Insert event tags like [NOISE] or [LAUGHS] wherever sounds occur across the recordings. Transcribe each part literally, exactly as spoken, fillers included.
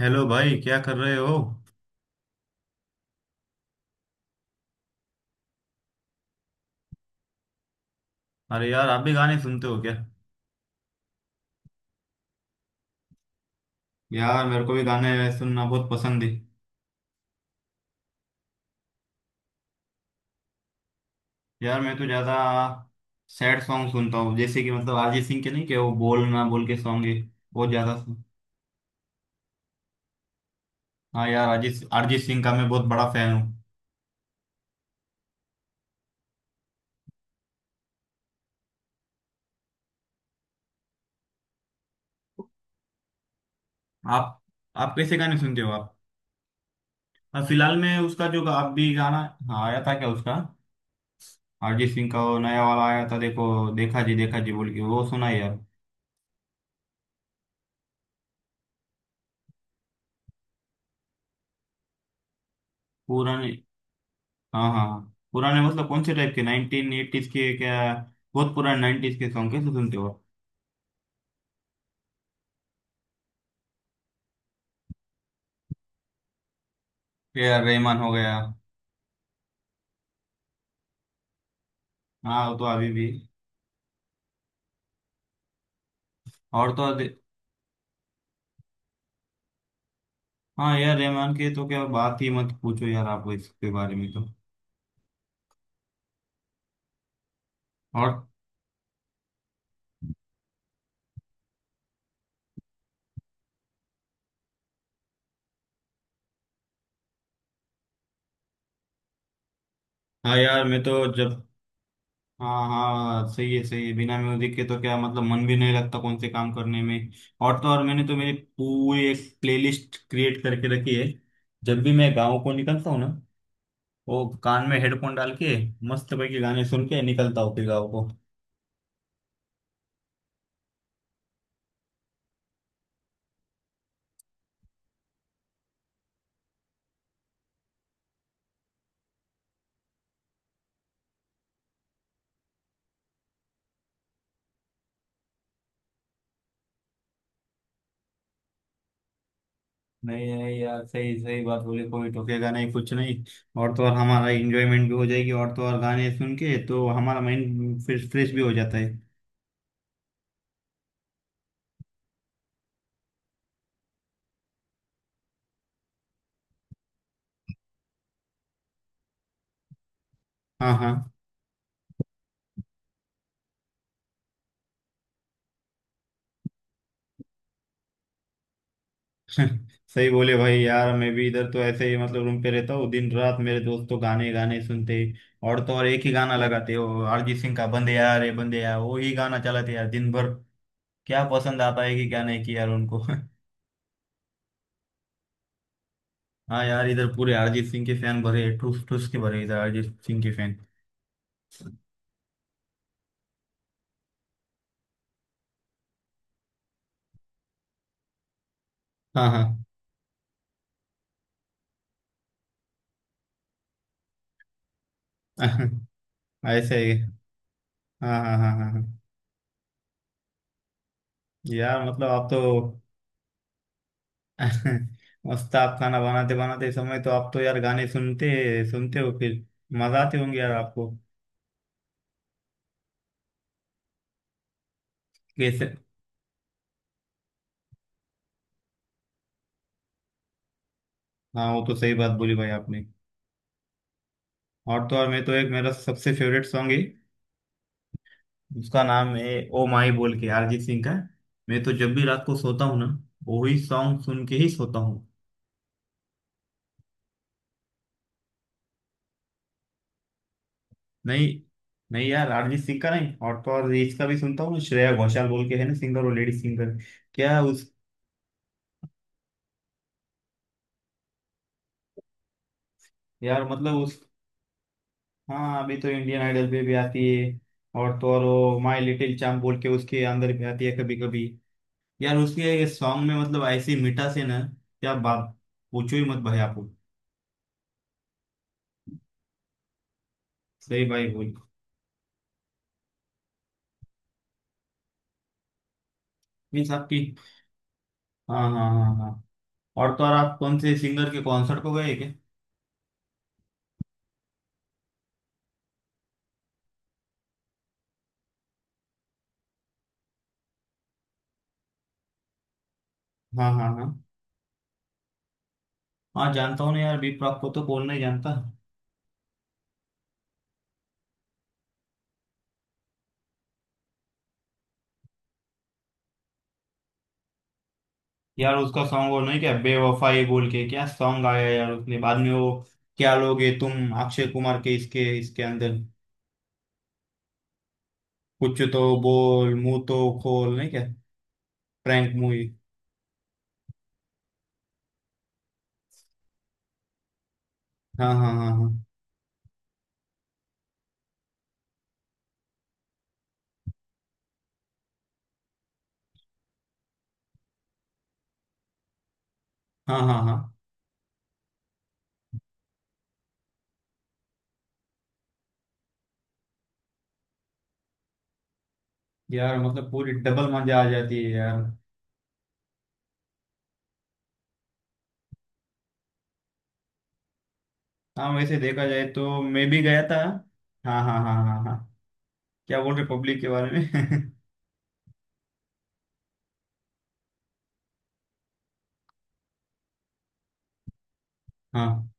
Hello भाई, क्या कर रहे हो? अरे यार, आप भी गाने सुनते हो क्या? यार मेरे को भी गाने सुनना बहुत पसंद है। यार मैं तो ज़्यादा सैड सॉन्ग सुनता हूँ, जैसे कि मतलब अरिजीत सिंह के, नहीं कि वो बोल ना बोल के सॉन्ग है। बहुत ज़्यादा सुन। हाँ यार, अरिजीत अरिजीत सिंह का मैं बहुत बड़ा फैन हूँ। आप आप कैसे गाने सुनते हो आप? हाँ, फिलहाल में उसका जो आप भी गाना। हाँ, आया था क्या उसका? अरिजीत सिंह का वो नया वाला आया था, देखो। देखा जी देखा जी बोल के वो सुना है यार। पूरा। हाँ हाँ हाँ। पुराने मतलब कौन से टाइप के, नाइनटीन एटीज के क्या? बहुत पुराने नाइनटीज के सॉन्ग कैसे सुनते हो? ए आर रहमान हो गया। हाँ, वो तो अभी भी। और तो अधि- हाँ यार, रहमान के तो क्या बात ही मत पूछो यार, आप इसके बारे में तो। और। हाँ यार, मैं तो जब। हाँ हाँ, सही है सही है, बिना म्यूजिक के तो क्या मतलब मन भी नहीं लगता कौन से काम करने में। और तो और मैंने तो मेरी पूरी एक प्लेलिस्ट क्रिएट करके रखी है। जब भी मैं गाँव को निकलता हूँ ना, वो कान में हेडफोन डाल के मस्त पैकी गाने सुन के निकलता हूँ फिर गाँव को। नहीं नहीं यार, सही सही बात बोली, कोई टोकेगा नहीं कुछ नहीं। और तो और हमारा इंजॉयमेंट भी हो जाएगी, और तो और गाने सुन के तो हमारा माइंड फिर फ्रेश भी हो जाता है। हाँ हाँ। [LAUGHS] सही बोले भाई, यार मैं भी इधर तो ऐसे ही मतलब रूम पे रहता हूँ, दिन रात मेरे दोस्त तो गाने गाने सुनते हैं। और तो और एक ही गाना लगाते हो, अरिजीत सिंह का बंदे यार, ये बंदे यार वो ही गाना चलाते यार दिन भर। क्या पसंद आता है कि क्या नहीं कि यार उनको। [LAUGHS] हाँ यार, इधर पूरे अरिजीत सिंह के फैन भरे हैं, ठूस ठूस के भरे हैं इधर अरिजीत सिंह के फैन। हाँ हाँ। [LAUGHS] ऐसे ही। हाँ हाँ हाँ हाँ हाँ। यार मतलब आप तो। [LAUGHS] मस्त, आप खाना बनाते बनाते समय तो आप तो यार गाने सुनते सुनते हो फिर। मजा आते होंगे यार आपको। कैसे? हाँ, वो तो सही बात बोली भाई आपने। और तो और मैं तो, एक मेरा सबसे फेवरेट सॉन्ग है। उसका नाम है ओ माई बोल के, अरिजीत सिंह का। मैं तो जब भी रात को सोता हूँ ना, वही सॉन्ग सुन के ही सोता हूँ। नहीं नहीं यार अरिजीत सिंह का नहीं, और तो और इसका भी सुनता हूँ, श्रेया घोषाल बोल के है ना सिंगर, वो लेडी सिंगर। क्या उस। यार मतलब उस। हाँ, अभी तो इंडियन आइडल पे भी आती है। और तो और वो माय लिटिल चैम्प बोल के उसके अंदर भी आती है कभी कभी। यार उसके सॉन्ग में मतलब ऐसी मिठास है ना, क्या बात, पूछो ही मत भाई आप। सही भाई बोल। मीन्स आपकी। हाँ हाँ हाँ हाँ। और तो और आप कौन से सिंगर के कॉन्सर्ट को गए क्या? हाँ हाँ हाँ। हाँ, जानता हूँ ना यार, बी प्राक को तो कौन नहीं जानता। यार उसका सॉन्ग वो नहीं क्या, बेवफाई बोल के क्या सॉन्ग आया यार उसने बाद में, वो क्या लोगे तुम अक्षय कुमार के, इसके इसके अंदर। कुछ तो बोल, मुंह तो खोल नहीं क्या, प्रैंक मूवी। हाँ हाँ हाँ हाँ हाँ हाँ हाँ। यार मतलब पूरी डबल मजा आ जाती है यार। हाँ वैसे देखा जाए तो मैं भी गया था। हाँ हाँ हाँ हाँ हाँ। क्या बोल रहे पब्लिक के बारे में। [LAUGHS] हाँ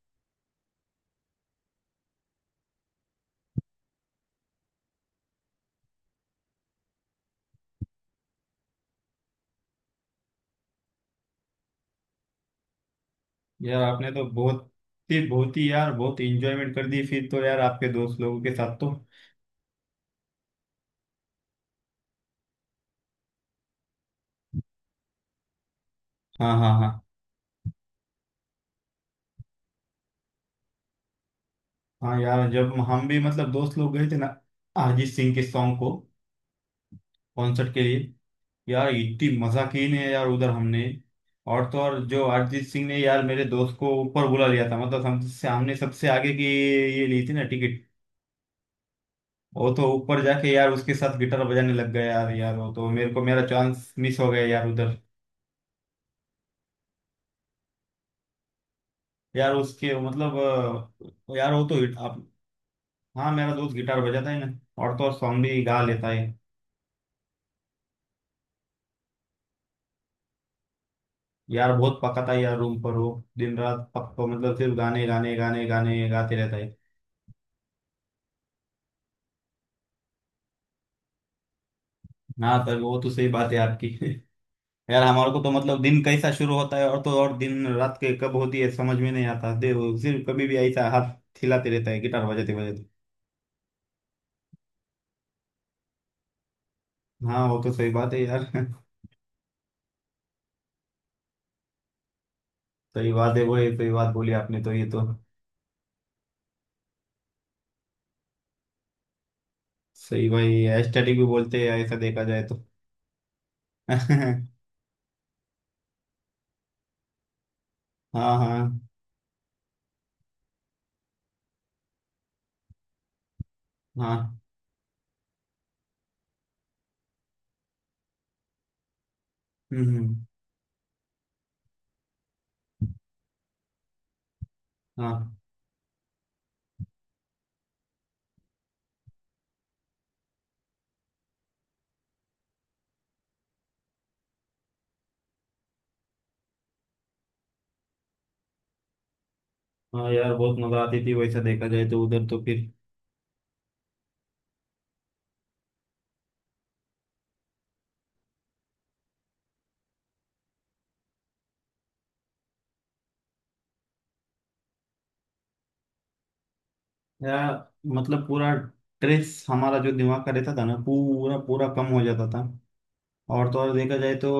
यार, आपने तो बहुत ही बहुत ही यार, बहुत इंजॉयमेंट कर दी फिर तो यार आपके दोस्त लोगों के साथ तो। हाँ हाँ हाँ हाँ। यार जब हम भी मतलब दोस्त लोग गए थे ना अरिजीत सिंह के सॉन्ग को, कॉन्सर्ट के लिए, यार इतनी मजा की ने यार उधर हमने। और तो और जो अरिजीत सिंह ने, यार मेरे दोस्त को ऊपर बुला लिया था मतलब, हमसे हमने सबसे आगे की ये ली थी ना टिकट। वो तो ऊपर जाके यार उसके साथ गिटार बजाने लग गया यार यार वो तो मेरे को मेरा चांस मिस हो गया यार उधर। यार उसके मतलब। अ, यार वो तो। आप। हाँ मेरा दोस्त गिटार बजाता है ना, और तो और सॉन्ग भी गा लेता है। यार बहुत पकाता है यार रूम पर वो, दिन रात पक्का, मतलब सिर्फ गाने गाने गाने गाने गाते रहता है। हाँ सर, वो तो सही बात है आपकी। [LAUGHS] यार हमारे को तो मतलब दिन कैसा शुरू होता है और तो और दिन रात के कब होती है समझ में नहीं आता, दे वो सिर्फ कभी भी ऐसा हाथ हिलाते रहता है गिटार बजाते बजाते। हाँ वो तो सही बात है यार। [LAUGHS] सही बात है वो, ये सही बात बोली आपने तो ये तो। सही भाई, एस्थेटिक भी बोलते हैं ऐसा देखा जाए तो। [LAUGHS] हाँ हाँ हाँ। हम्म हम्म, हाँ हाँ, यार बहुत मजा आती थी वैसा देखा जाए तो उधर तो फिर। या मतलब पूरा ट्रेस हमारा जो दिमाग का रहता था ना पूरा पूरा कम हो जाता था। और तो और देखा जाए तो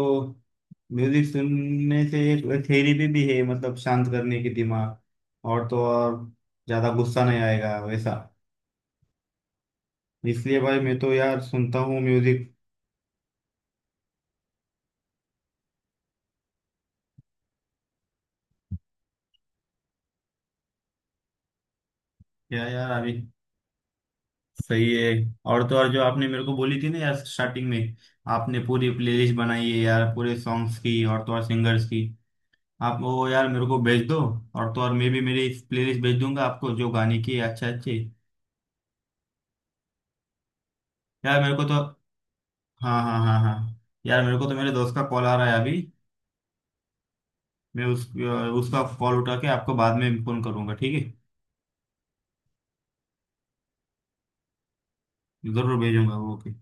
म्यूजिक सुनने से एक थेरेपी भी है मतलब शांत करने की दिमाग। और तो और ज्यादा गुस्सा नहीं आएगा वैसा। इसलिए भाई मैं तो यार सुनता हूँ म्यूजिक। क्या यार अभी, सही है। और तो और जो आपने मेरे को बोली थी ना यार स्टार्टिंग में, आपने पूरी प्लेलिस्ट बनाई है यार पूरे सॉन्ग्स की और तो और सिंगर्स की, आप वो यार मेरे को भेज दो। और तो और मैं भी मेरी प्लेलिस्ट भेज दूंगा आपको जो गाने की है अच्छे अच्छे। यार मेरे को तो। हाँ हाँ हाँ हाँ। यार मेरे को तो मेरे दोस्त का कॉल आ रहा है अभी, मैं उस उसका कॉल उठा के आपको बाद में फोन करूंगा, ठीक है, जरूर भेजूंगा, ओके।